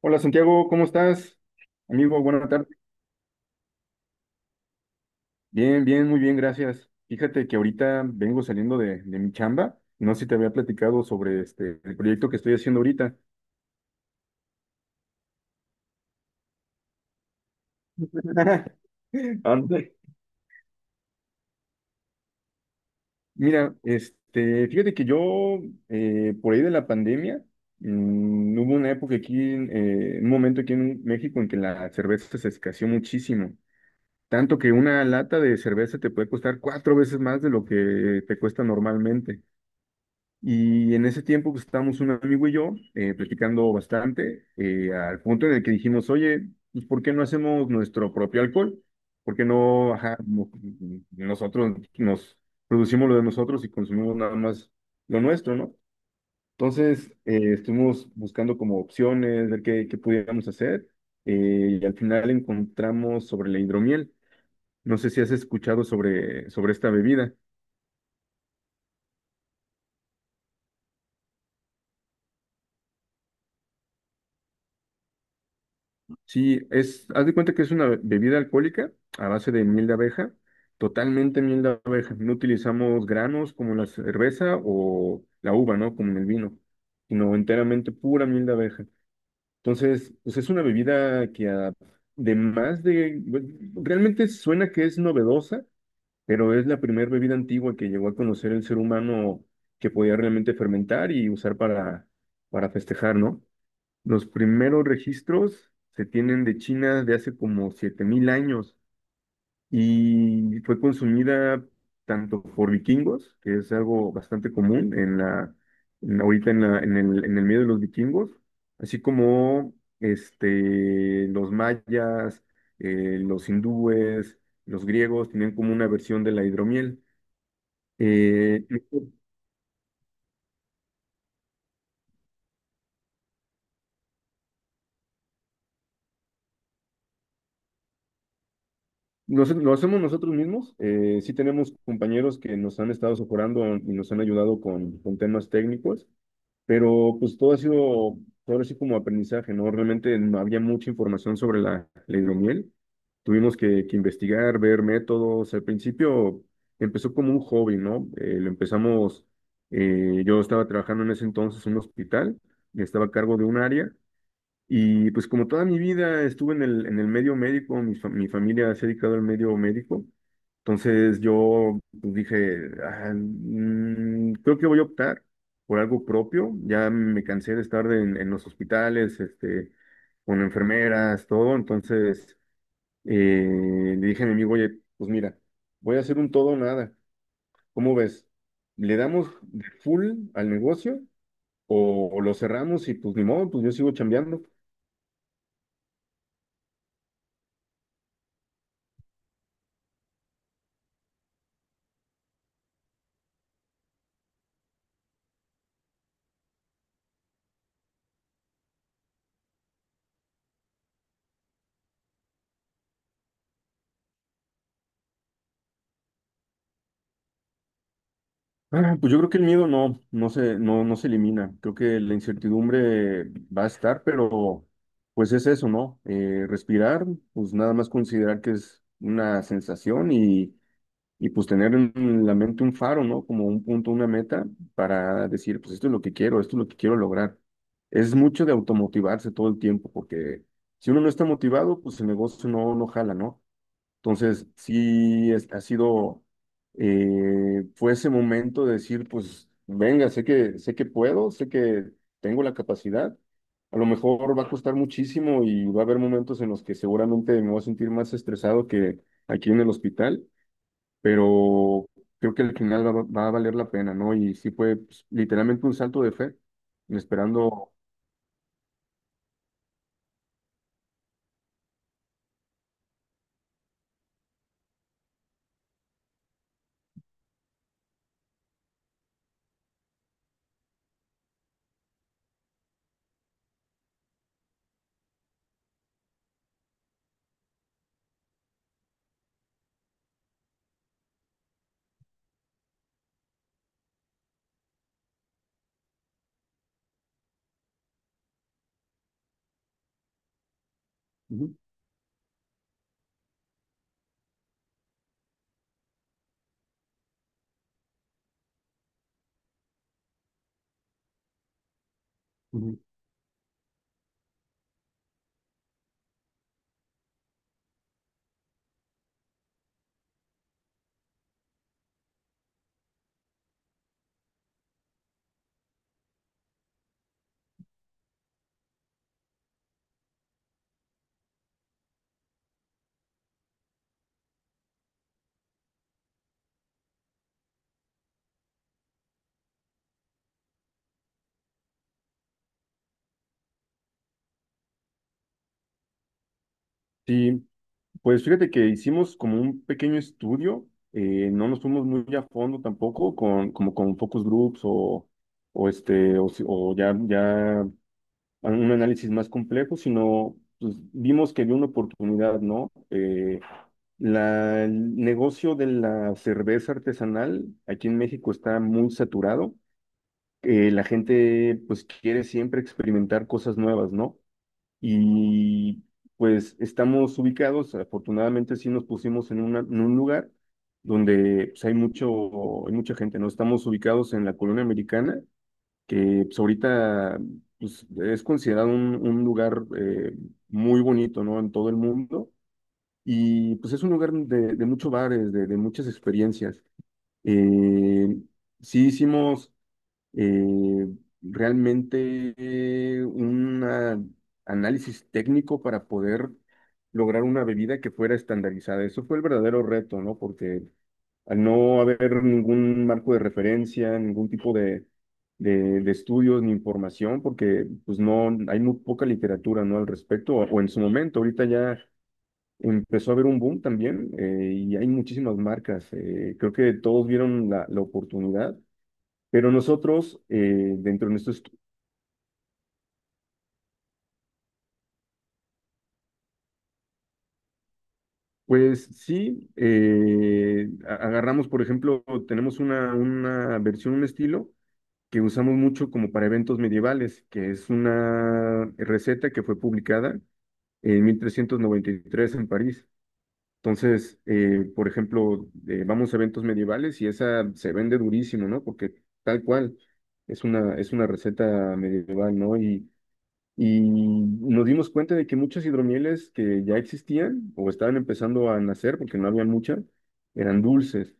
Hola Santiago, ¿cómo estás? Amigo, buena tarde. Bien, bien, muy bien, gracias. Fíjate que ahorita vengo saliendo de mi chamba. No sé si te había platicado sobre el proyecto que estoy haciendo ahorita. Ande. Mira, fíjate que por ahí de la pandemia, hubo una época aquí, un momento aquí en México en que la cerveza se escaseó muchísimo. Tanto que una lata de cerveza te puede costar cuatro veces más de lo que te cuesta normalmente. Y en ese tiempo pues, estábamos un amigo y yo platicando bastante, al punto en el que dijimos, oye, pues, ¿por qué no hacemos nuestro propio alcohol? ¿Por qué no, ajá, nosotros nos producimos lo de nosotros y consumimos nada más lo nuestro, ¿no? Entonces estuvimos buscando como opciones, ver qué pudiéramos hacer, y al final encontramos sobre la hidromiel. No sé si has escuchado sobre esta bebida. Sí, haz de cuenta que es una bebida alcohólica a base de miel de abeja, totalmente miel de abeja. No utilizamos granos como la cerveza o la uva, ¿no? Como en el vino, sino enteramente pura miel de abeja. Entonces, pues es una bebida que además de, realmente suena que es novedosa, pero es la primera bebida antigua que llegó a conocer el ser humano que podía realmente fermentar y usar para festejar, ¿no? Los primeros registros se tienen de China de hace como 7,000 años y fue consumida tanto por vikingos, que es algo bastante común ahorita en el medio de los vikingos, así como los mayas, los hindúes, los griegos tienen como una versión de la hidromiel. Eh, lo hacemos nosotros mismos. Sí tenemos compañeros que nos han estado socorando y nos han ayudado con temas técnicos, pero pues todo ha sido, todo así como aprendizaje, ¿no? Realmente no había mucha información sobre la hidromiel. Tuvimos que investigar, ver métodos. Al principio empezó como un hobby, ¿no? Lo empezamos, yo estaba trabajando en ese entonces en un hospital, estaba a cargo de un área. Y pues como toda mi vida estuve en el medio médico, mi familia se ha dedicado al medio médico, entonces yo pues, dije, "Ah, creo que voy a optar por algo propio, ya me cansé de estar en los hospitales, con enfermeras, todo. Entonces le dije a mi amigo, oye, pues mira, voy a hacer un todo o nada, ¿cómo ves? ¿Le damos de full al negocio o lo cerramos y pues ni modo, pues yo sigo chambeando?" Ah, pues yo creo que el miedo no, no se elimina. Creo que la incertidumbre va a estar, pero pues es eso, ¿no? Respirar, pues nada más considerar que es una sensación, y pues tener en la mente un faro, ¿no? Como un punto, una meta para decir, pues esto es lo que quiero, esto es lo que quiero lograr. Es mucho de automotivarse todo el tiempo, porque si uno no está motivado, pues el negocio no jala, ¿no? Entonces, sí, fue ese momento de decir, pues, venga, sé que puedo, sé que tengo la capacidad. A lo mejor va a costar muchísimo y va a haber momentos en los que seguramente me voy a sentir más estresado que aquí en el hospital, pero creo que al final va a valer la pena, ¿no? Y sí fue pues, literalmente un salto de fe, esperando. Ujú, ujú. Sí, pues fíjate que hicimos como un pequeño estudio, no nos fuimos muy a fondo tampoco con, como con focus groups o este, o, si- o ya, ya un análisis más complejo, sino pues, vimos que había una oportunidad, ¿no? El negocio de la cerveza artesanal aquí en México está muy saturado. La gente pues quiere siempre experimentar cosas nuevas, ¿no? Y pues estamos ubicados, afortunadamente sí nos pusimos en un lugar donde pues, hay mucha gente, ¿no? Estamos ubicados en la colonia americana, que pues, ahorita pues, es considerado un lugar muy bonito, ¿no? En todo el mundo. Y pues es un lugar de muchos bares, de muchas experiencias. Eh, sí hicimos, eh, realmente, un, análisis técnico para poder lograr una bebida que fuera estandarizada. Eso fue el verdadero reto, ¿no? Porque al no haber ningún marco de referencia, ningún tipo de estudios ni información, porque pues no, hay muy poca literatura, ¿no? Al respecto, o en su momento, ahorita ya empezó a haber un boom también, y hay muchísimas marcas. Creo que todos vieron la oportunidad, pero nosotros, dentro de nuestro estudio, pues sí, agarramos, por ejemplo, tenemos una versión, un estilo que usamos mucho como para eventos medievales, que es una receta que fue publicada en 1393 en París. Entonces, por ejemplo, vamos a eventos medievales y esa se vende durísimo, ¿no? Porque tal cual es una receta medieval, ¿no? Y nos dimos cuenta de que muchas hidromieles que ya existían o estaban empezando a nacer, porque no había muchas, eran dulces,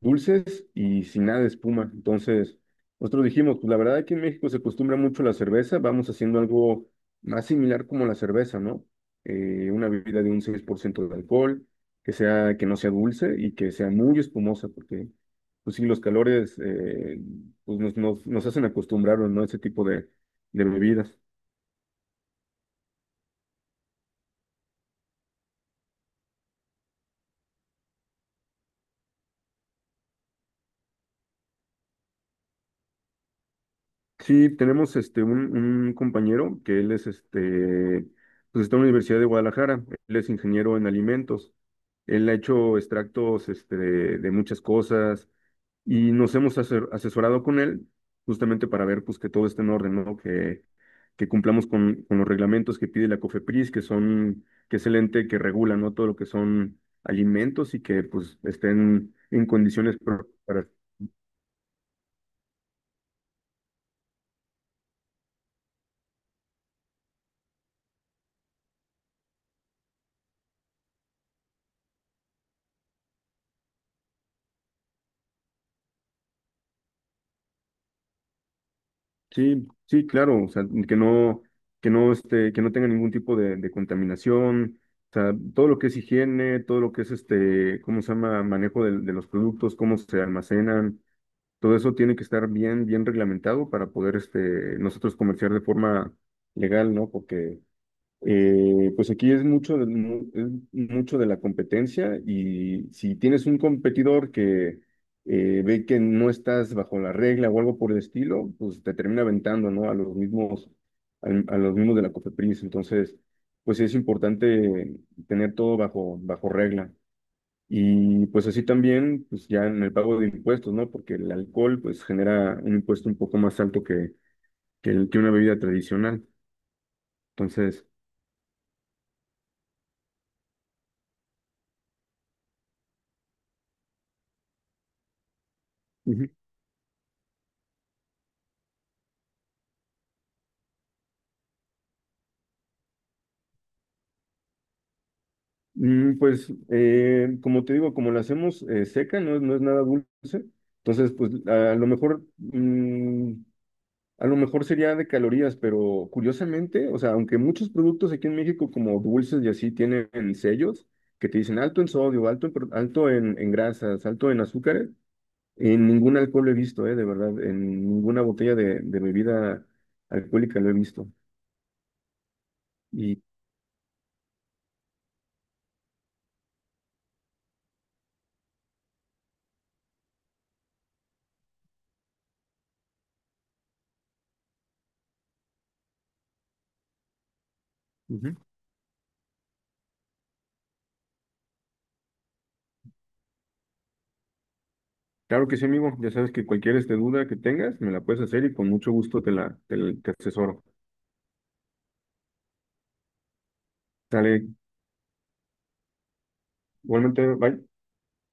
dulces y sin nada de espuma. Entonces, nosotros dijimos, pues la verdad que en México se acostumbra mucho la cerveza, vamos haciendo algo más similar como la cerveza, ¿no? Una bebida de un 6% de alcohol, que sea, que no sea dulce y que sea muy espumosa, porque pues sí, los calores, pues, nos hacen acostumbrarnos, ¿no?, a ese tipo de bebidas. Sí, tenemos un compañero que él es, pues está en la Universidad de Guadalajara, él es ingeniero en alimentos, él ha hecho extractos, de muchas cosas, y nos hemos asesorado con él justamente para ver pues que todo esté en orden, ¿no? Que cumplamos con los reglamentos que pide la COFEPRIS, que es el ente que regula, ¿no?, todo lo que son alimentos, y que pues estén en condiciones. Sí, sí, claro, o sea, que no tenga ningún tipo de contaminación, o sea, todo lo que es higiene, todo lo que es, ¿cómo se llama? Manejo de los productos, cómo se almacenan, todo eso tiene que estar bien, bien reglamentado para poder, nosotros comerciar de forma legal, ¿no? Porque, pues aquí es mucho de la competencia, y si tienes un competidor que, ve que no estás bajo la regla o algo por el estilo, pues te termina aventando, ¿no?, a los mismos de la COFEPRIS. Entonces, pues sí es importante tener todo bajo regla. Y pues así también, pues ya en el pago de impuestos, ¿no? Porque el alcohol pues genera un impuesto un poco más alto que una bebida tradicional. Entonces. Pues, como te digo, como la hacemos, seca, no, no es nada dulce, entonces, pues, a lo mejor sería de calorías, pero curiosamente, o sea, aunque muchos productos aquí en México, como dulces y así, tienen sellos que te dicen alto en sodio, alto en grasas, alto en azúcares, en ningún alcohol he visto, de verdad, en ninguna botella de bebida alcohólica lo he visto. Y. Claro que sí, amigo. Ya sabes que cualquier duda que tengas, me la puedes hacer, y con mucho gusto te asesoro. Sale, igualmente, bye.